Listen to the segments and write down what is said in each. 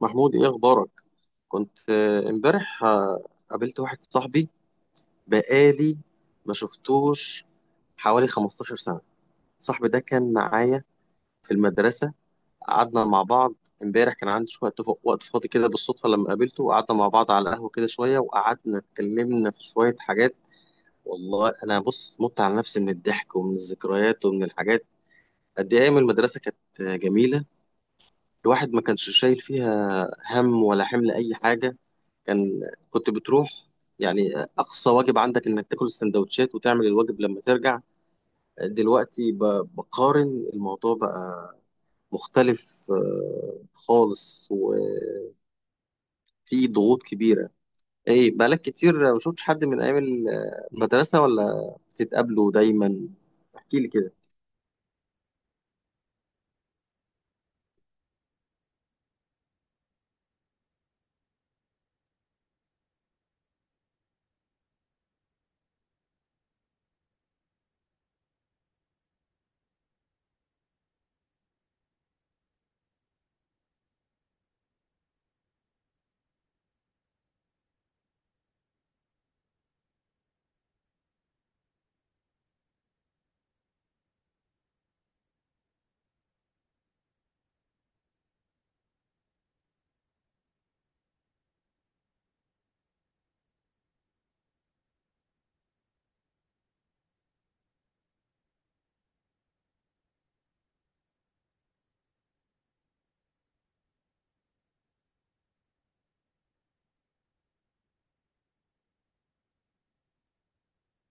محمود، ايه اخبارك؟ كنت امبارح، قابلت واحد صاحبي بقالي ما شفتوش حوالي 15 سنة. صاحبي ده كان معايا في المدرسة. قعدنا مع بعض. امبارح كان عندي شوية وقت فاضي كده، بالصدفة لما قابلته وقعدنا مع بعض على القهوة كده شوية، وقعدنا اتكلمنا في شوية حاجات. والله انا بص مت على نفسي من الضحك ومن الذكريات ومن الحاجات. قد ايه ايام المدرسة كانت جميلة! الواحد ما كانش شايل فيها هم ولا حمل أي حاجة. كان كنت بتروح، يعني أقصى واجب عندك إنك تاكل السندوتشات وتعمل الواجب لما ترجع. دلوقتي بقارن الموضوع بقى مختلف خالص، وفي ضغوط كبيرة. إيه، بقالك كتير ما شفتش حد من أيام المدرسة، ولا بتتقابلوا دايما؟ احكي لي كده.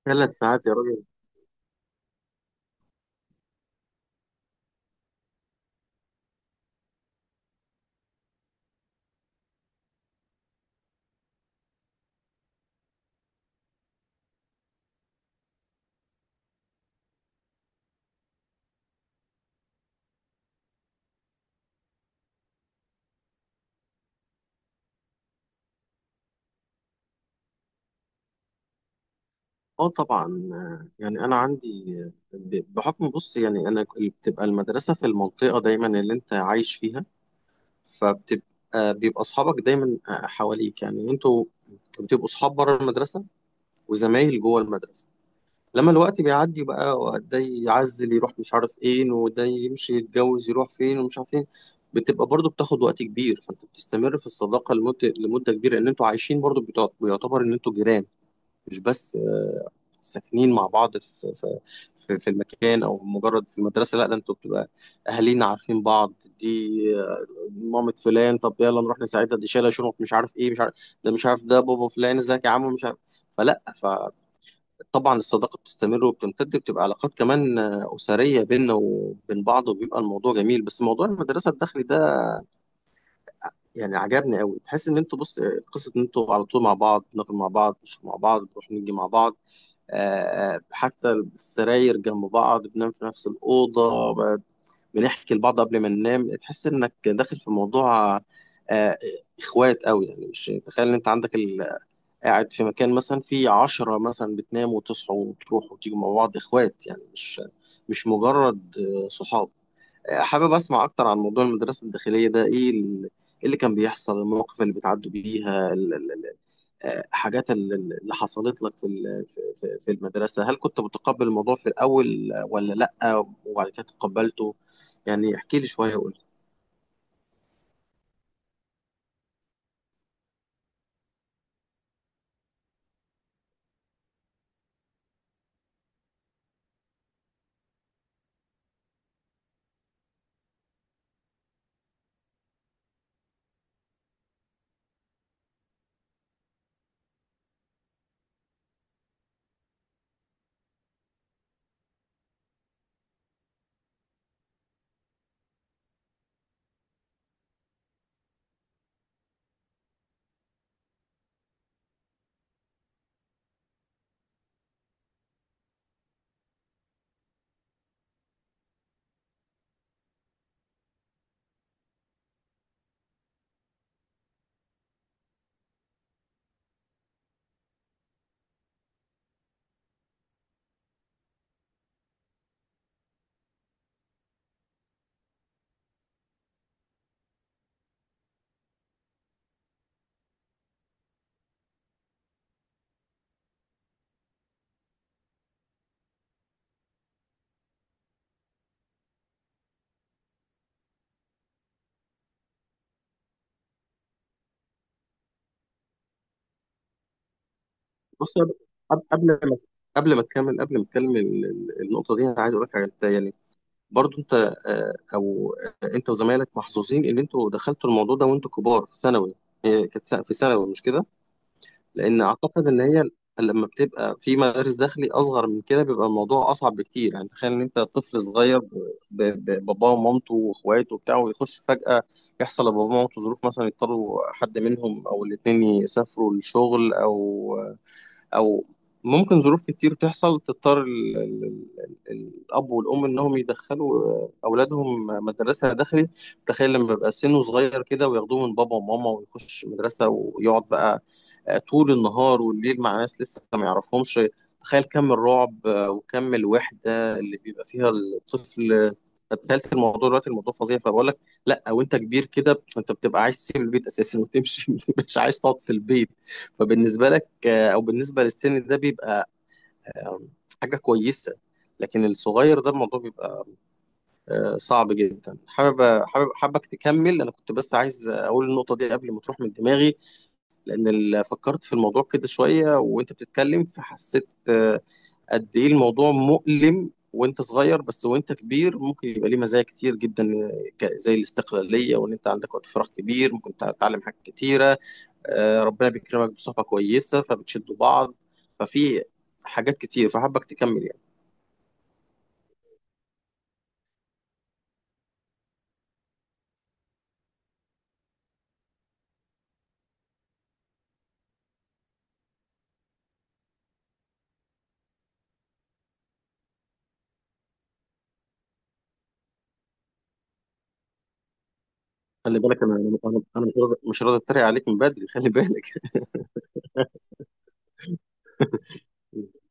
3 ساعات يا راجل! اه طبعا، يعني انا عندي، بحكم، بص يعني انا بتبقى المدرسه في المنطقه دايما اللي انت عايش فيها، فبتبقى بيبقى اصحابك دايما حواليك. يعني انتوا بتبقوا اصحاب بره المدرسه وزمايل جوه المدرسه. لما الوقت بيعدي بقى، ده يعزل يروح مش عارف ايه، وده يمشي يتجوز يروح فين ومش عارف فين، بتبقى برضو بتاخد وقت كبير، فانت بتستمر في الصداقه لمده كبيره. ان انتوا عايشين برضو، بيعتبر ان انتوا جيران، مش بس ساكنين مع بعض في المكان او مجرد في المدرسه، لا ده انتوا بتبقى اهالينا عارفين بعض. دي، آه، مامة فلان، طب يلا نروح نساعدها، دي شايله شنط مش عارف ايه مش عارف، ده مش عارف ده بابا فلان، ازيك يا عم، مش عارف. فطبعا الصداقه بتستمر وبتمتد، بتبقى علاقات كمان اسريه بيننا وبين بعض، وبيبقى الموضوع جميل. بس موضوع المدرسه الداخلي ده يعني عجبني قوي. تحس ان انتوا، بص، قصه ان انتوا على طول مع بعض، بناكل مع بعض، بنشرب مع بعض، بنروح نيجي مع بعض، حتى السراير جنب بعض، بننام في نفس الأوضة، بنحكي لبعض قبل ما ننام. تحس إنك داخل في موضوع، آه، إخوات أوي يعني، مش تخيل إن أنت عندك قاعد في مكان مثلا في 10 مثلا بتناموا وتصحوا وتروحوا وتيجوا مع بعض، إخوات يعني، مش مجرد صحاب. حابب أسمع أكتر عن موضوع المدرسة الداخلية ده. إيه إيه اللي كان بيحصل، المواقف اللي بتعدوا بيها، حاجات اللي حصلت لك في في المدرسة؟ هل كنت متقبل الموضوع في الأول، ولا لأ وبعد كده تقبلته؟ يعني احكي لي شوية وقول لي. بص، قبل ما، قبل ما تكمل النقطة دي، أنا عايز أقول لك حاجة. أنت يعني برضو أنت آه، أو آه، أنت وزمايلك محظوظين إن أنتوا دخلتوا الموضوع ده وأنتوا كبار في ثانوي. هي كانت في ثانوي مش كده؟ لان اعتقد ان هي لما بتبقى في مدارس داخلي اصغر من كده بيبقى الموضوع اصعب بكتير. يعني تخيل ان انت طفل صغير، بباباه ومامته واخواته وبتاع، ويخش فجأة، يحصل لباباه ومامته ظروف مثلا، يضطروا حد منهم او الاتنين يسافروا للشغل او ممكن ظروف كتير تحصل تضطر الاب والام انهم يدخلوا اولادهم مدرسه داخلي. تخيل لما يبقى سنه صغير كده وياخدوه من بابا وماما ويخش مدرسه ويقعد بقى طول النهار والليل مع ناس لسه ما يعرفهمش. تخيل كم الرعب وكم الوحدة اللي بيبقى فيها الطفل. تخيلت الموضوع دلوقتي؟ الموضوع فظيع. فبقول لك، لا، وانت كبير كده انت بتبقى عايز تسيب البيت اساسا وتمشي مش عايز تقعد في البيت. فبالنسبة لك، او بالنسبة للسن ده، بيبقى آه، حاجة كويسة. لكن الصغير ده الموضوع بيبقى صعب جدا. حابب حابب حابك تكمل، انا كنت بس عايز اقول النقطة دي قبل ما تروح من دماغي، لان فكرت في الموضوع كده شويه وانت بتتكلم، فحسيت قد ايه الموضوع مؤلم وانت صغير، بس وانت كبير ممكن يبقى ليه مزايا كتير جدا، زي الاستقلاليه، وان انت عندك وقت فراغ كبير ممكن تتعلم حاجات كتيره، ربنا بيكرمك بصحبه كويسه فبتشدوا بعض. ففي حاجات كتير، فحابك تكمل يعني. خلي بالك، أنا مش راضي اتريق عليك من بدري، خلي بالك.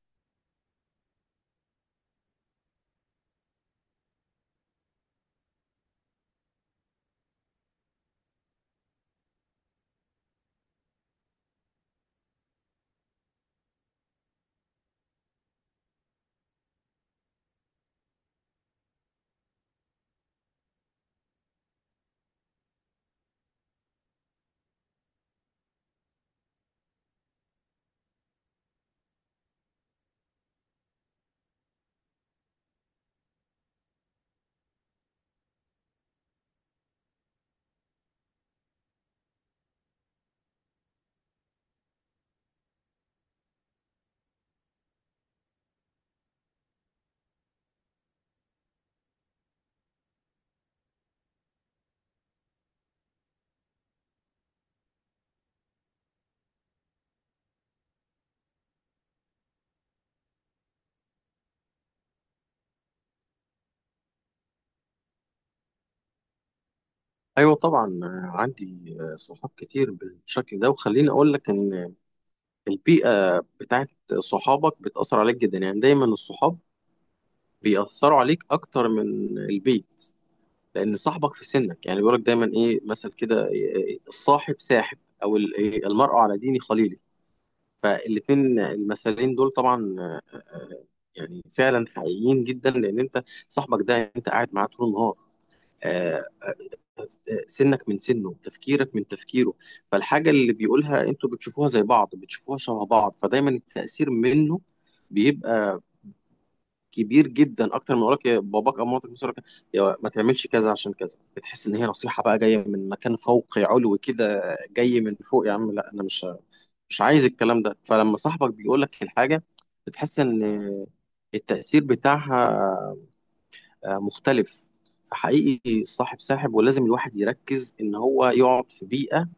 ايوه طبعا، عندي صحاب كتير بالشكل ده. وخليني اقول لك ان البيئة بتاعت صحابك بتأثر عليك جدا. يعني دايما الصحاب بيأثروا عليك أكتر من البيت، لأن صاحبك في سنك يعني، بيقولك دايما إيه مثل كده، إيه، الصاحب ساحب، أو إيه، المرء على دين خليله. فالاتنين المثلين دول طبعا، يعني فعلا حقيقيين جدا، لأن أنت صاحبك ده أنت قاعد معاه طول النهار، آه، سنك من سنه، تفكيرك من تفكيره، فالحاجة اللي بيقولها أنتوا بتشوفوها زي بعض، بتشوفوها شبه بعض. فدايما التأثير منه بيبقى كبير جدا، اكتر من يقولك يا باباك او مامتك، بس يقولك يا ما تعملش كذا عشان كذا، بتحس ان هي نصيحه بقى جايه من مكان فوقي علوي كده، جاي من فوق يا عم، لا انا مش عايز الكلام ده. فلما صاحبك بيقول لك الحاجه، بتحس ان التاثير بتاعها مختلف. فحقيقي الصاحب ساحب، ولازم الواحد يركز ان هو يقعد في بيئه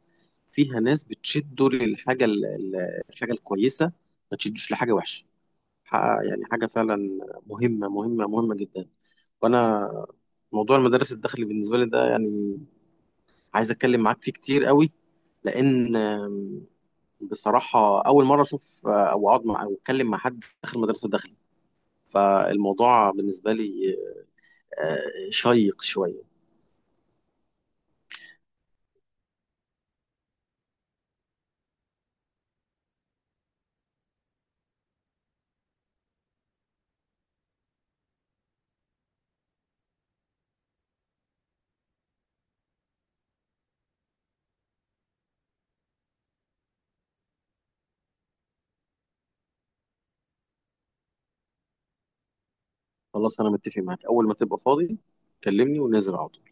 فيها ناس بتشده للحاجه الحاجه الكويسه، ما تشدوش لحاجه وحشه. ح- يعني حاجه فعلا مهمه مهمه مهمه جدا. وانا موضوع المدارس الداخلي بالنسبه لي ده يعني عايز اتكلم معاك فيه كتير قوي، لان بصراحه اول مره اشوف، او اقعد مع، او اتكلم مع حد داخل مدرسه الداخلي، فالموضوع بالنسبه لي شيق شويه. خلاص انا متفق معاك، اول ما تبقى فاضي كلمني وننزل على طول.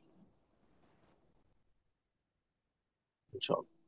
ان شاء الله.